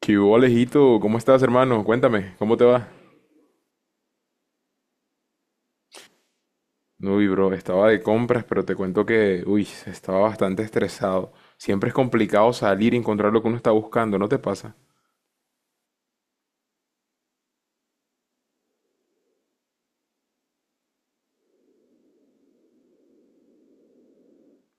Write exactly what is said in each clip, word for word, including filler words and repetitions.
¿Qué hubo, Alejito? ¿Cómo estás, hermano? Cuéntame, ¿cómo te va? Uy, bro, estaba de compras, pero te cuento que, uy, estaba bastante estresado. Siempre es complicado salir y encontrar lo que uno está buscando, ¿no te pasa?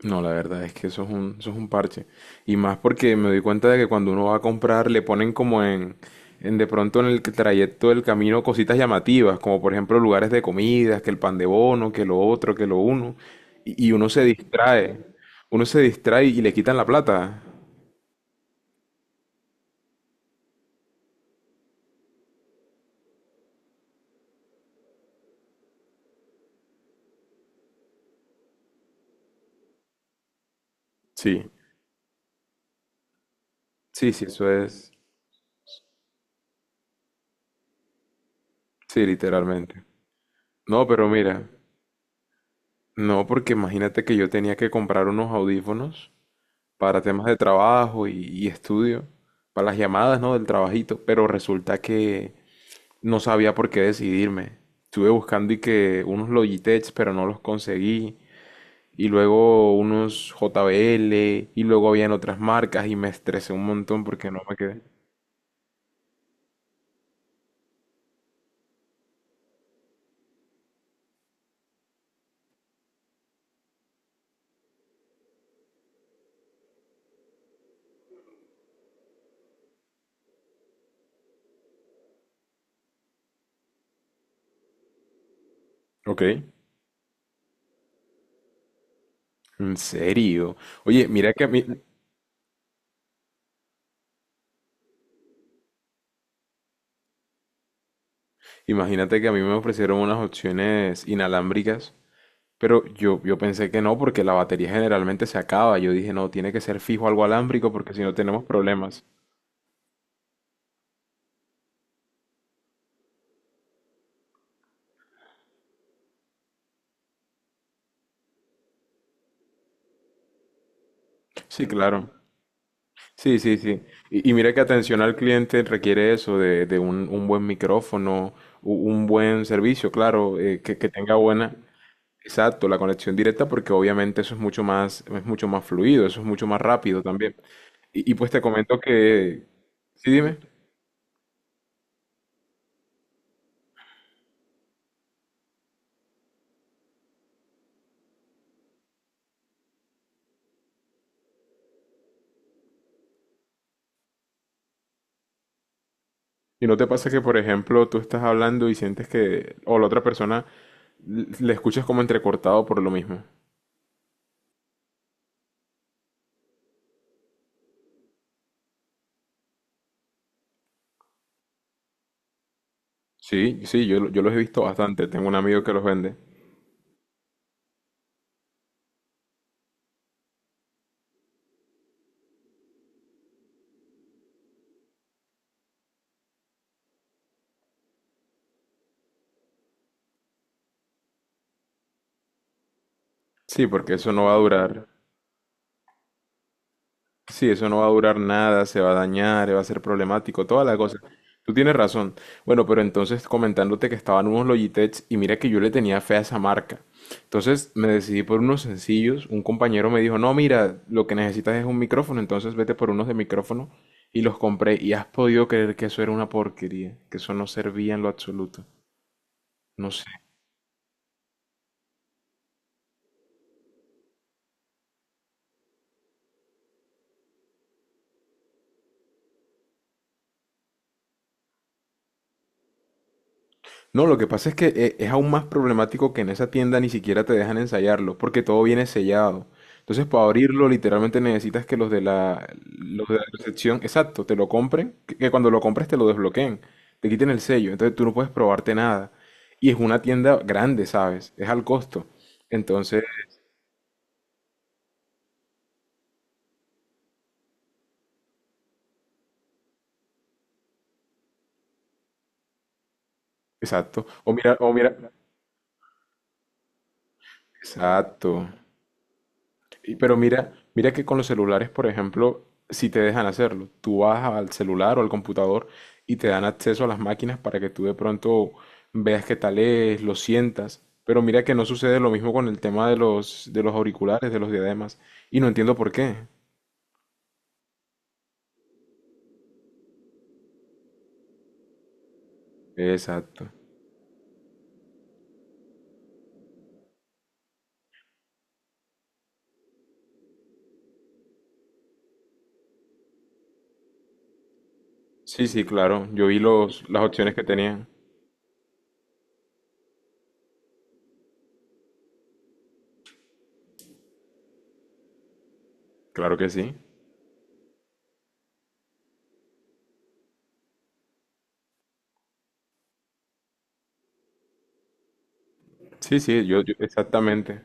No, la verdad es que eso es un, eso es un parche. Y más porque me doy cuenta de que cuando uno va a comprar le ponen como en, en de pronto en el trayecto del camino cositas llamativas, como por ejemplo lugares de comidas, que el pan de bono, que lo otro, que lo uno. Y, y uno se distrae, uno se distrae y le quitan la plata. Sí. Sí, sí, eso es. Sí, literalmente. No, pero mira, no, porque imagínate que yo tenía que comprar unos audífonos para temas de trabajo y, y estudio, para las llamadas, ¿no? Del trabajito, pero resulta que no sabía por qué decidirme. Estuve buscando y que unos Logitech, pero no los conseguí, y luego unos J B L, y luego habían otras marcas, y me estresé un montón porque no me quedé. Ok. ¿En serio? Oye, mira que a mí, imagínate que a mí me ofrecieron unas opciones inalámbricas, pero yo, yo pensé que no, porque la batería generalmente se acaba. Yo dije, no, tiene que ser fijo algo alámbrico, porque si no tenemos problemas. Sí, claro. Sí, sí, sí. Y, y mira que atención al cliente requiere eso, de, de un, un buen micrófono, u- un buen servicio, claro, eh, que, que tenga buena. Exacto, la conexión directa, porque obviamente eso es mucho más, es mucho más fluido, eso es mucho más rápido también. Y, y pues te comento que. Sí, dime. Y no te pasa que, por ejemplo, tú estás hablando y sientes que, o la otra persona l- le escuchas como entrecortado por lo mismo. Sí, sí, yo, lo- yo los he visto bastante. Tengo un amigo que los vende. Sí, porque eso no va a durar. Sí, eso no va a durar nada, se va a dañar, va a ser problemático, toda la cosa. Tú tienes razón. Bueno, pero entonces comentándote que estaban unos Logitech y mira que yo le tenía fe a esa marca. Entonces me decidí por unos sencillos. Un compañero me dijo, no, mira, lo que necesitas es un micrófono, entonces vete por unos de micrófono. Y los compré y has podido creer que eso era una porquería, que eso no servía en lo absoluto. No sé. No, lo que pasa es que eh, es aún más problemático que en esa tienda ni siquiera te dejan ensayarlo, porque todo viene sellado. Entonces, para abrirlo, literalmente necesitas que los de la, los de la recepción, exacto, te lo compren, que, que cuando lo compres te lo desbloqueen, te quiten el sello, entonces tú no puedes probarte nada. Y es una tienda grande, ¿sabes? Es al costo. Entonces, exacto. O mira, o mira, exacto. Y- Pero mira, mira que con los celulares, por ejemplo, si te dejan hacerlo, tú vas al celular o al computador y te dan acceso a las máquinas para que tú de pronto veas qué tal es, lo sientas. Pero mira que no sucede lo mismo con el tema de los, de los auriculares, de los diademas. Y no entiendo por qué. Exacto. Sí, sí, claro. Yo vi los, las opciones que tenían. Claro que sí. Sí, sí, yo, yo- exactamente.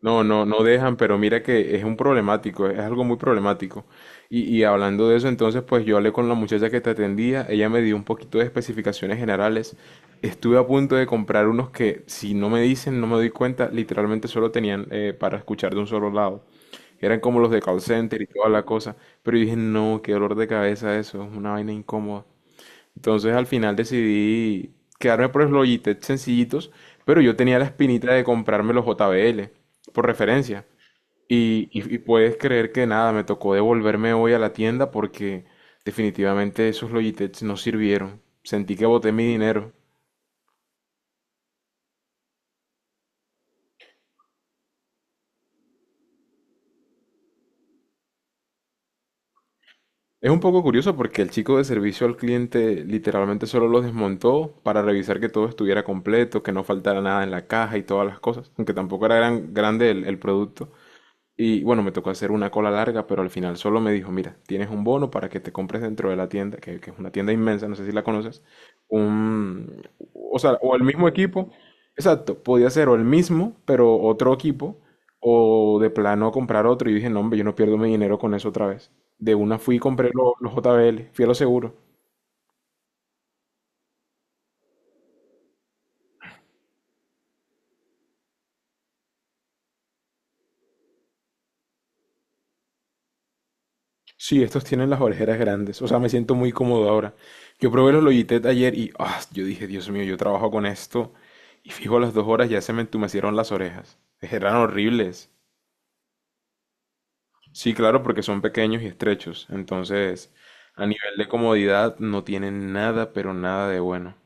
No, no, no dejan, pero mira que es un problemático, es algo muy problemático. Y, y hablando de eso, entonces, pues yo hablé con la muchacha que te atendía, ella me dio un poquito de especificaciones generales. Estuve a punto de comprar unos que, si no me dicen, no me doy cuenta, literalmente solo tenían eh, para escuchar de un solo lado. Eran como los de call center y toda la cosa. Pero yo dije, no, qué dolor de cabeza eso, es una vaina incómoda. Entonces al final decidí quedarme por los Logitech sencillitos, pero yo tenía la espinita de comprarme los J B L por referencia. Y, y- y puedes creer que nada, me tocó devolverme hoy a la tienda porque definitivamente esos Logitech no sirvieron. Sentí que boté mi dinero. Es un poco curioso porque el chico de servicio al cliente literalmente solo los desmontó para revisar que todo estuviera completo, que no faltara nada en la caja y todas las cosas, aunque tampoco era gran, grande el el producto. Y bueno, me tocó hacer una cola larga, pero al final solo me dijo, mira, tienes un bono para que te compres dentro de la tienda, que, que es una tienda inmensa, no sé si la conoces, un, o sea, o el mismo equipo, exacto, podía ser o el mismo, pero otro equipo, o de plano comprar otro. Y dije, no, hombre, yo no pierdo mi dinero con eso otra vez. De una fui y compré lo- los J B L, fui a lo seguro. Sí, estos tienen las orejeras grandes. O sea, me siento muy cómodo ahora. Yo probé los Logitech ayer y ah, yo dije, Dios mío, yo trabajo con esto. Y fijo, a las dos horas ya se me entumecieron las orejas. Eran horribles. Sí, claro, porque son pequeños y estrechos. Entonces, a nivel de comodidad, no tienen nada, pero nada de bueno.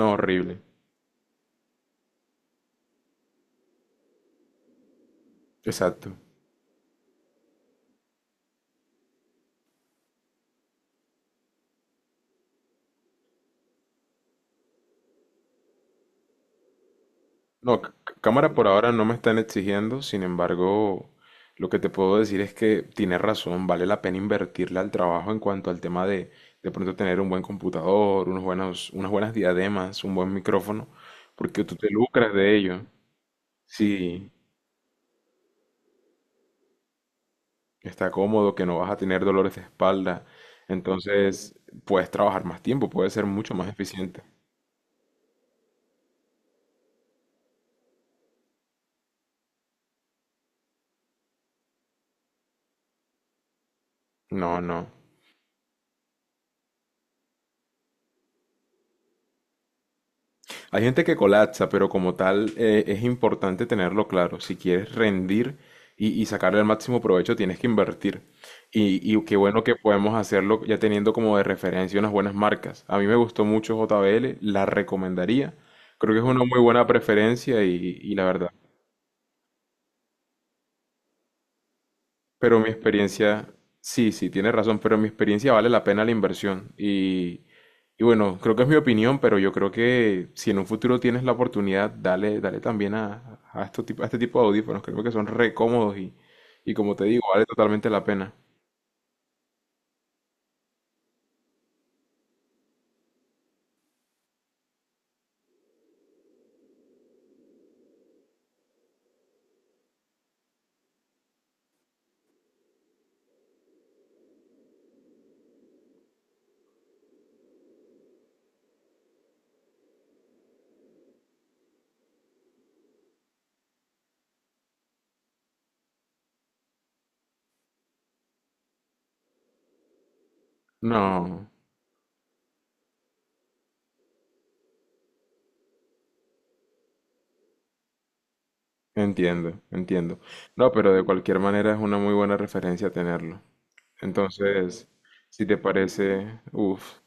No, horrible. Exacto. No, c- c- cámara por ahora no me están exigiendo, sin embargo, lo que te puedo decir es que tienes razón, vale la pena invertirle al trabajo en cuanto al tema de de pronto tener un buen computador, unos buenos, unas buenas diademas, un buen micrófono, porque tú te lucras de ello. Sí, está cómodo, que no vas a tener dolores de espalda, entonces puedes trabajar más tiempo, puedes ser mucho más eficiente. No, no. Hay gente que colapsa, pero como tal eh, es importante tenerlo claro. Si quieres rendir y, y sacarle el máximo provecho, tienes que invertir. Y, y qué bueno que podemos hacerlo ya teniendo como de referencia unas buenas marcas. A mí me gustó mucho J B L, la recomendaría. Creo que es una muy buena preferencia y, y la verdad. Pero mi experiencia, sí, sí, tienes razón, pero mi experiencia vale la pena la inversión. Y, y bueno, creo que es mi opinión, pero yo creo que si en un futuro tienes la oportunidad, dale, dale también a, a, esto tipo- a este tipo de audífonos. Creo que son re cómodos y, y como te digo, vale totalmente la pena. No, entiendo, entiendo. No, pero de cualquier manera es una muy buena referencia tenerlo. Entonces, si te parece, uff,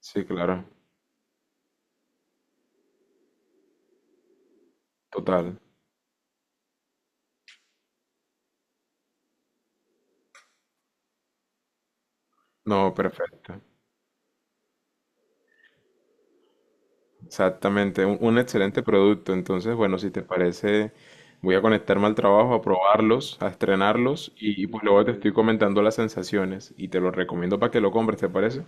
sí, claro, total. No, perfecto. Exactamente, un, un excelente producto. Entonces, bueno, si te parece, voy a conectarme al trabajo, a probarlos, a estrenarlos y, y, pues luego te estoy comentando las sensaciones y te lo recomiendo para que lo compres, ¿te parece?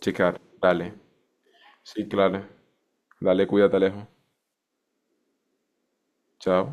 Chica, dale. Sí, claro. Dale, cuídate, Alejo. Chao.